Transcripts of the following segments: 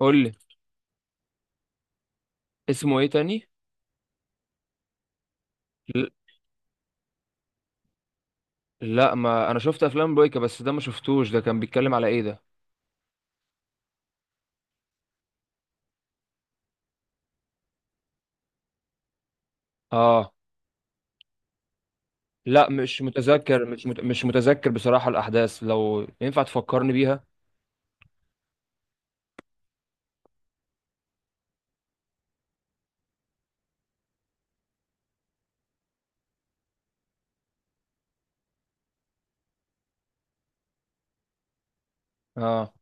قول لي، اسمه ايه تاني؟ ل- لا، ما انا شفت افلام بويكا بس ده ما شفتوش. ده كان بيتكلم على ايه ده؟ اه، لا مش متذكر. مش متذكر بصراحة الاحداث، لو ينفع تفكرني بيها. اه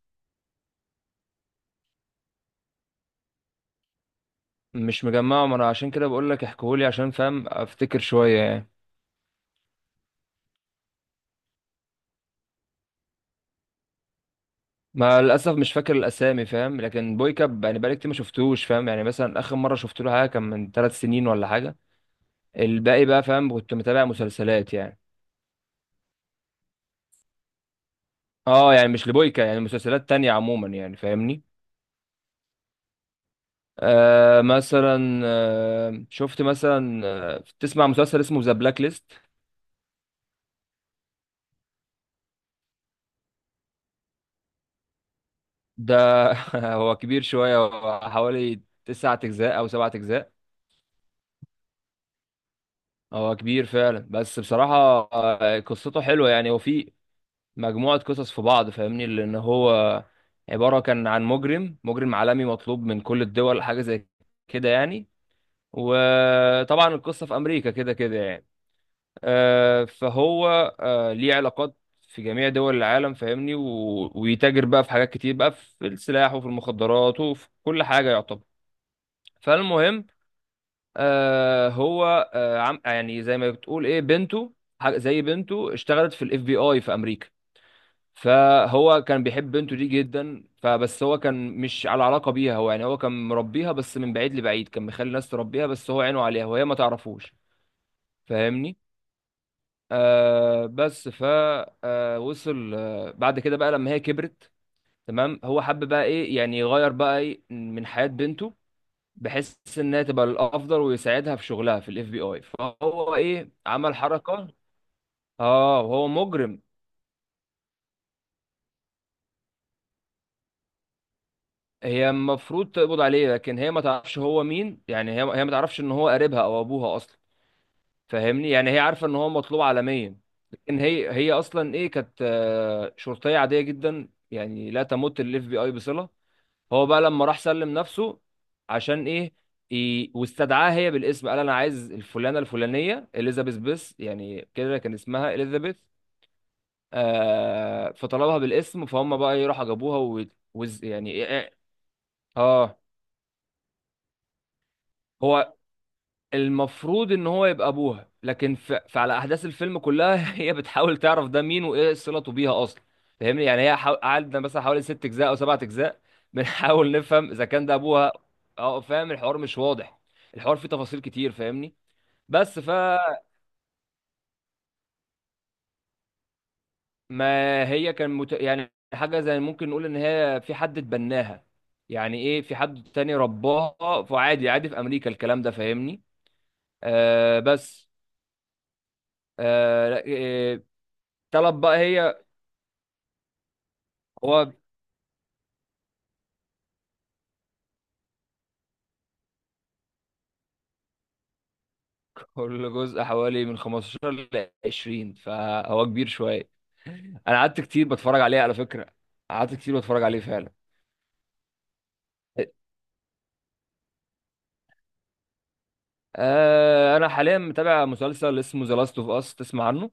مش مجمعه، ما انا عشان كده بقول لك احكيهولي عشان فاهم افتكر شوية يعني. ما للاسف مش فاكر الاسامي، فاهم، لكن بويكا يعني بقالي كتير ما شفتوش، فاهم يعني، مثلا اخر مرة شفت له حاجة كان من ثلاث سنين ولا حاجة. الباقي بقى، فاهم، كنت متابع مسلسلات يعني. اه يعني مش لبويكا يعني، مسلسلات تانية عموما يعني، فاهمني؟ آه مثلا، شفت مثلا، تسمع مسلسل اسمه ذا بلاك ليست؟ ده هو كبير شوية، هو حوالي تسعة أجزاء أو سبعة أجزاء. هو كبير فعلا، بس بصراحة قصته حلوة يعني. هو في مجموعة قصص في بعض، فاهمني، لأن هو عبارة كان عن مجرم، مجرم عالمي مطلوب من كل الدول، حاجة زي كده يعني. وطبعا القصة في أمريكا كده كده يعني. فهو ليه علاقات في جميع دول العالم، فاهمني، ويتاجر بقى في حاجات كتير بقى، في السلاح وفي المخدرات وفي كل حاجة يعتبر. فالمهم، هو عم يعني زي ما بتقول ايه، بنته، حاجة زي بنته اشتغلت في الاف بي اي في امريكا. فهو كان بيحب بنته دي جدا، فبس هو كان مش على علاقة بيها. هو يعني هو كان مربيها بس من بعيد لبعيد، كان مخلي الناس تربيها بس هو عينه عليها وهي ما تعرفوش. فاهمني؟ آه بس ف آه وصل، بعد كده بقى لما هي كبرت، تمام، هو حب بقى ايه يعني يغير بقى ايه من حياة بنته، بحيث انها تبقى الافضل ويساعدها في شغلها في الاف بي اي، فهو ايه عمل حركة. اه وهو مجرم، هي المفروض تقبض عليه، لكن هي ما تعرفش هو مين يعني. هي ما تعرفش ان هو قريبها او ابوها اصلا، فاهمني يعني. هي عارفة ان هو مطلوب عالميا، لكن هي اصلا ايه كانت، شرطية عادية جدا يعني، لا تمت الاف بي اي بصلة. هو بقى لما راح سلم نفسه، عشان ايه؟ واستدعاها هي بالاسم، قال انا عايز الفلانه الفلانيه اليزابيث، بس يعني كده كان اسمها اليزابيث. آه، فطلبها بالاسم، فهم بقى يروحوا جابوها و... وز... يعني إيه... إيه، اه. هو المفروض ان هو يبقى ابوها، لكن فعلى احداث الفيلم كلها هي بتحاول تعرف ده مين وايه صلته بيها اصلا. فاهمني يعني، قعدنا مثلا حوالي ست اجزاء او سبعة اجزاء بنحاول نفهم اذا كان ده ابوها. اه فاهم، الحوار مش واضح، الحوار فيه تفاصيل كتير، فاهمني. بس فما هي يعني حاجة زي ممكن نقول ان هي في حد اتبناها. يعني ايه، في حد تاني رباها، فعادي عادي في امريكا الكلام ده، فاهمني. آه بس لا، طلب بقى هي. هو كل جزء حوالي من 15 ل 20، فهو كبير شويه. انا قعدت كتير بتفرج عليه على فكره، قعدت كتير بتفرج عليه فعلا. آه انا حاليا متابع مسلسل اسمه ذا لاست اوف اس، تسمع عنه؟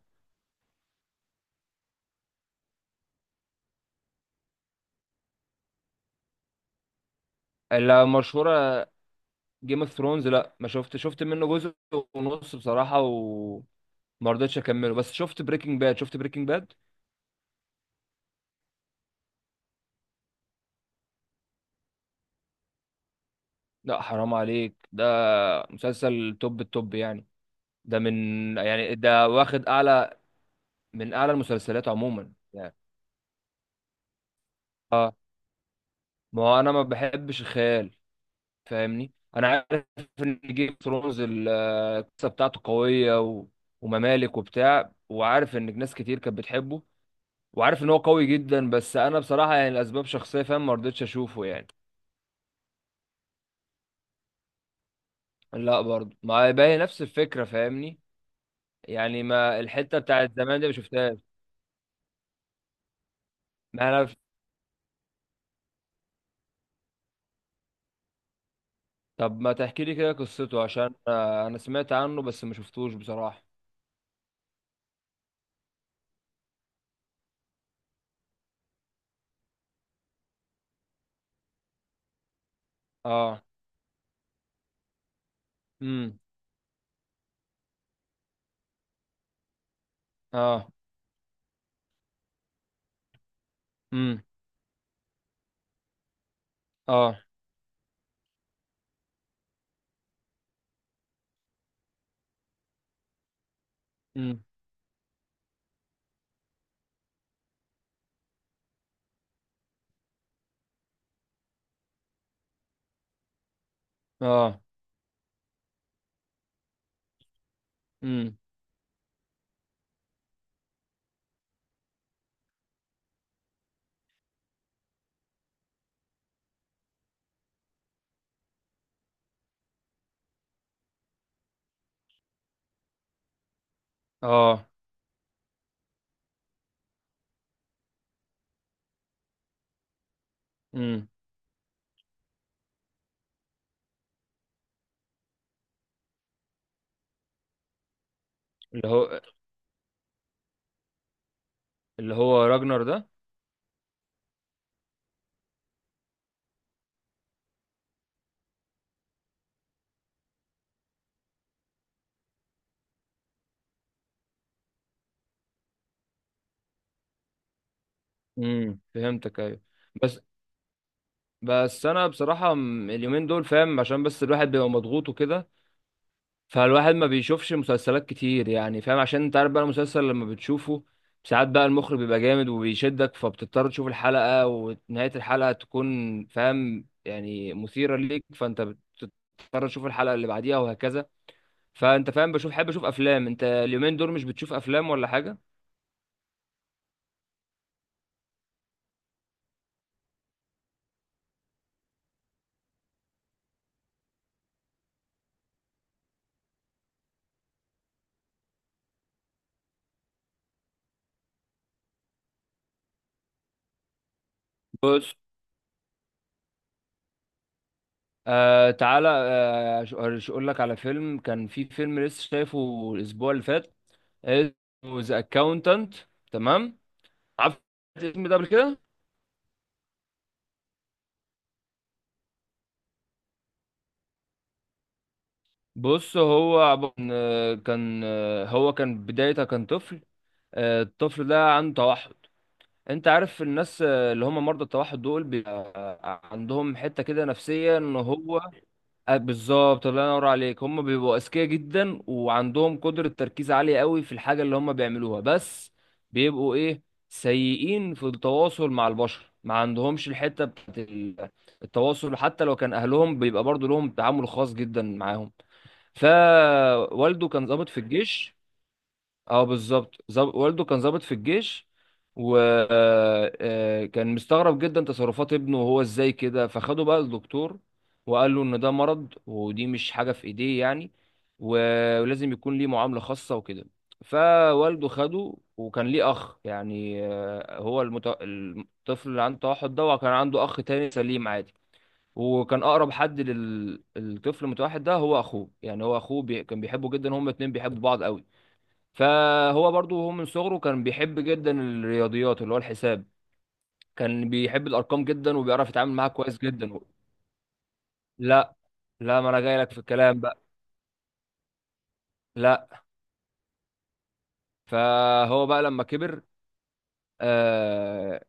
اللي مشهوره جيم اوف ثرونز؟ لا ما شفت، شفت منه جزء ونص بصراحه وما رضيتش اكمله. بس شفت بريكنج باد، شفت بريكنج باد. لا حرام عليك، ده مسلسل توب التوب يعني، ده من يعني ده واخد اعلى، من اعلى المسلسلات عموما يعني. آه، ما هو انا ما بحبش الخيال، فاهمني. انا عارف ان جيم اوف ثرونز القصه بتاعته قويه وممالك وبتاع، وعارف ان ناس كتير كانت بتحبه، وعارف ان هو قوي جدا، بس انا بصراحه يعني الاسباب شخصيه، فاهم، ما رضيتش اشوفه يعني. لا برضه ما باهي، نفس الفكره، فاهمني، يعني ما الحته بتاعت زمان دي ما شفتهاش. ما انا طب ما تحكي لي كده قصته، عشان انا سمعت عنه بس ما شفتوش بصراحه. اه. امم اه. امم اه. امم اه. امم اه. امم اللي هو، اللي هو راجنر ده. فهمتك، ايوه. بس، بس انا بصراحه اليومين دول، فاهم، عشان بس الواحد بيبقى مضغوط وكده، فالواحد ما بيشوفش مسلسلات كتير يعني، فاهم، عشان انت عارف بقى المسلسل لما بتشوفه ساعات بقى المخرج بيبقى جامد وبيشدك، فبتضطر تشوف الحلقه ونهايه الحلقه تكون فاهم يعني مثيره ليك، فانت بتضطر تشوف الحلقه اللي بعديها وهكذا. فانت فاهم، بشوف، حابب اشوف افلام. انت اليومين دول مش بتشوف افلام ولا حاجه؟ آه تعالى، اقول لك على فيلم، كان في فيلم لسه شايفه الاسبوع اللي فات، اسمه ذا اكاونتنت. تمام؟ عارف الاسم ده قبل كده؟ بص، هو كان، هو كان بدايته كان طفل. الطفل ده عنده توحد. انت عارف الناس اللي هم مرضى التوحد دول بيبقى عندهم حتة كده نفسية، ان هو، بالظبط، الله ينور عليك. هم بيبقوا اذكياء جدا وعندهم قدرة تركيز عالية قوي في الحاجة اللي هم بيعملوها، بس بيبقوا ايه، سيئين في التواصل مع البشر، ما عندهمش الحتة بتاعت التواصل، حتى لو كان اهلهم بيبقى برضو لهم تعامل خاص جدا معاهم. فوالده كان ضابط في الجيش. اه بالظبط، والده كان ضابط في الجيش، وكان مستغرب جدا تصرفات ابنه وهو ازاي كده، فخده بقى للدكتور وقال له ان ده مرض، ودي مش حاجة في ايديه يعني، ولازم يكون ليه معاملة خاصة وكده. فوالده خده، وكان ليه اخ يعني، هو الطفل اللي عنده توحد ده، وكان عنده اخ تاني سليم عادي، وكان اقرب حد للطفل المتوحد ده هو اخوه. يعني هو اخوه كان بيحبه جدا، هما الاتنين بيحبوا بعض قوي. فهو برضو هو من صغره كان بيحب جدا الرياضيات، اللي هو الحساب، كان بيحب الارقام جدا وبيعرف يتعامل معاها كويس جدا. لا، لا ما انا جاي لك في الكلام بقى. لا. فهو بقى لما كبر، آه،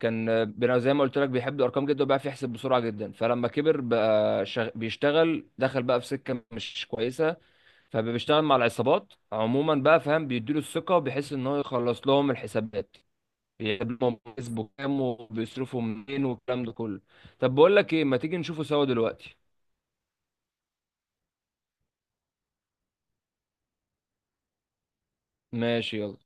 كان زي ما قلت لك بيحب الارقام جدا وبيعرف يحسب بسرعه جدا. فلما كبر بقى بيشتغل، دخل بقى في سكه مش كويسه، فبيشتغل مع العصابات عموما بقى، فاهم، بيديله الثقه وبيحس ان هو يخلص لهم الحسابات، يضمن بيسبو كام وبيصرفوا منين والكلام ده كله. طب بقول لك ايه، ما تيجي نشوفه سوا دلوقتي؟ ماشي، يلا.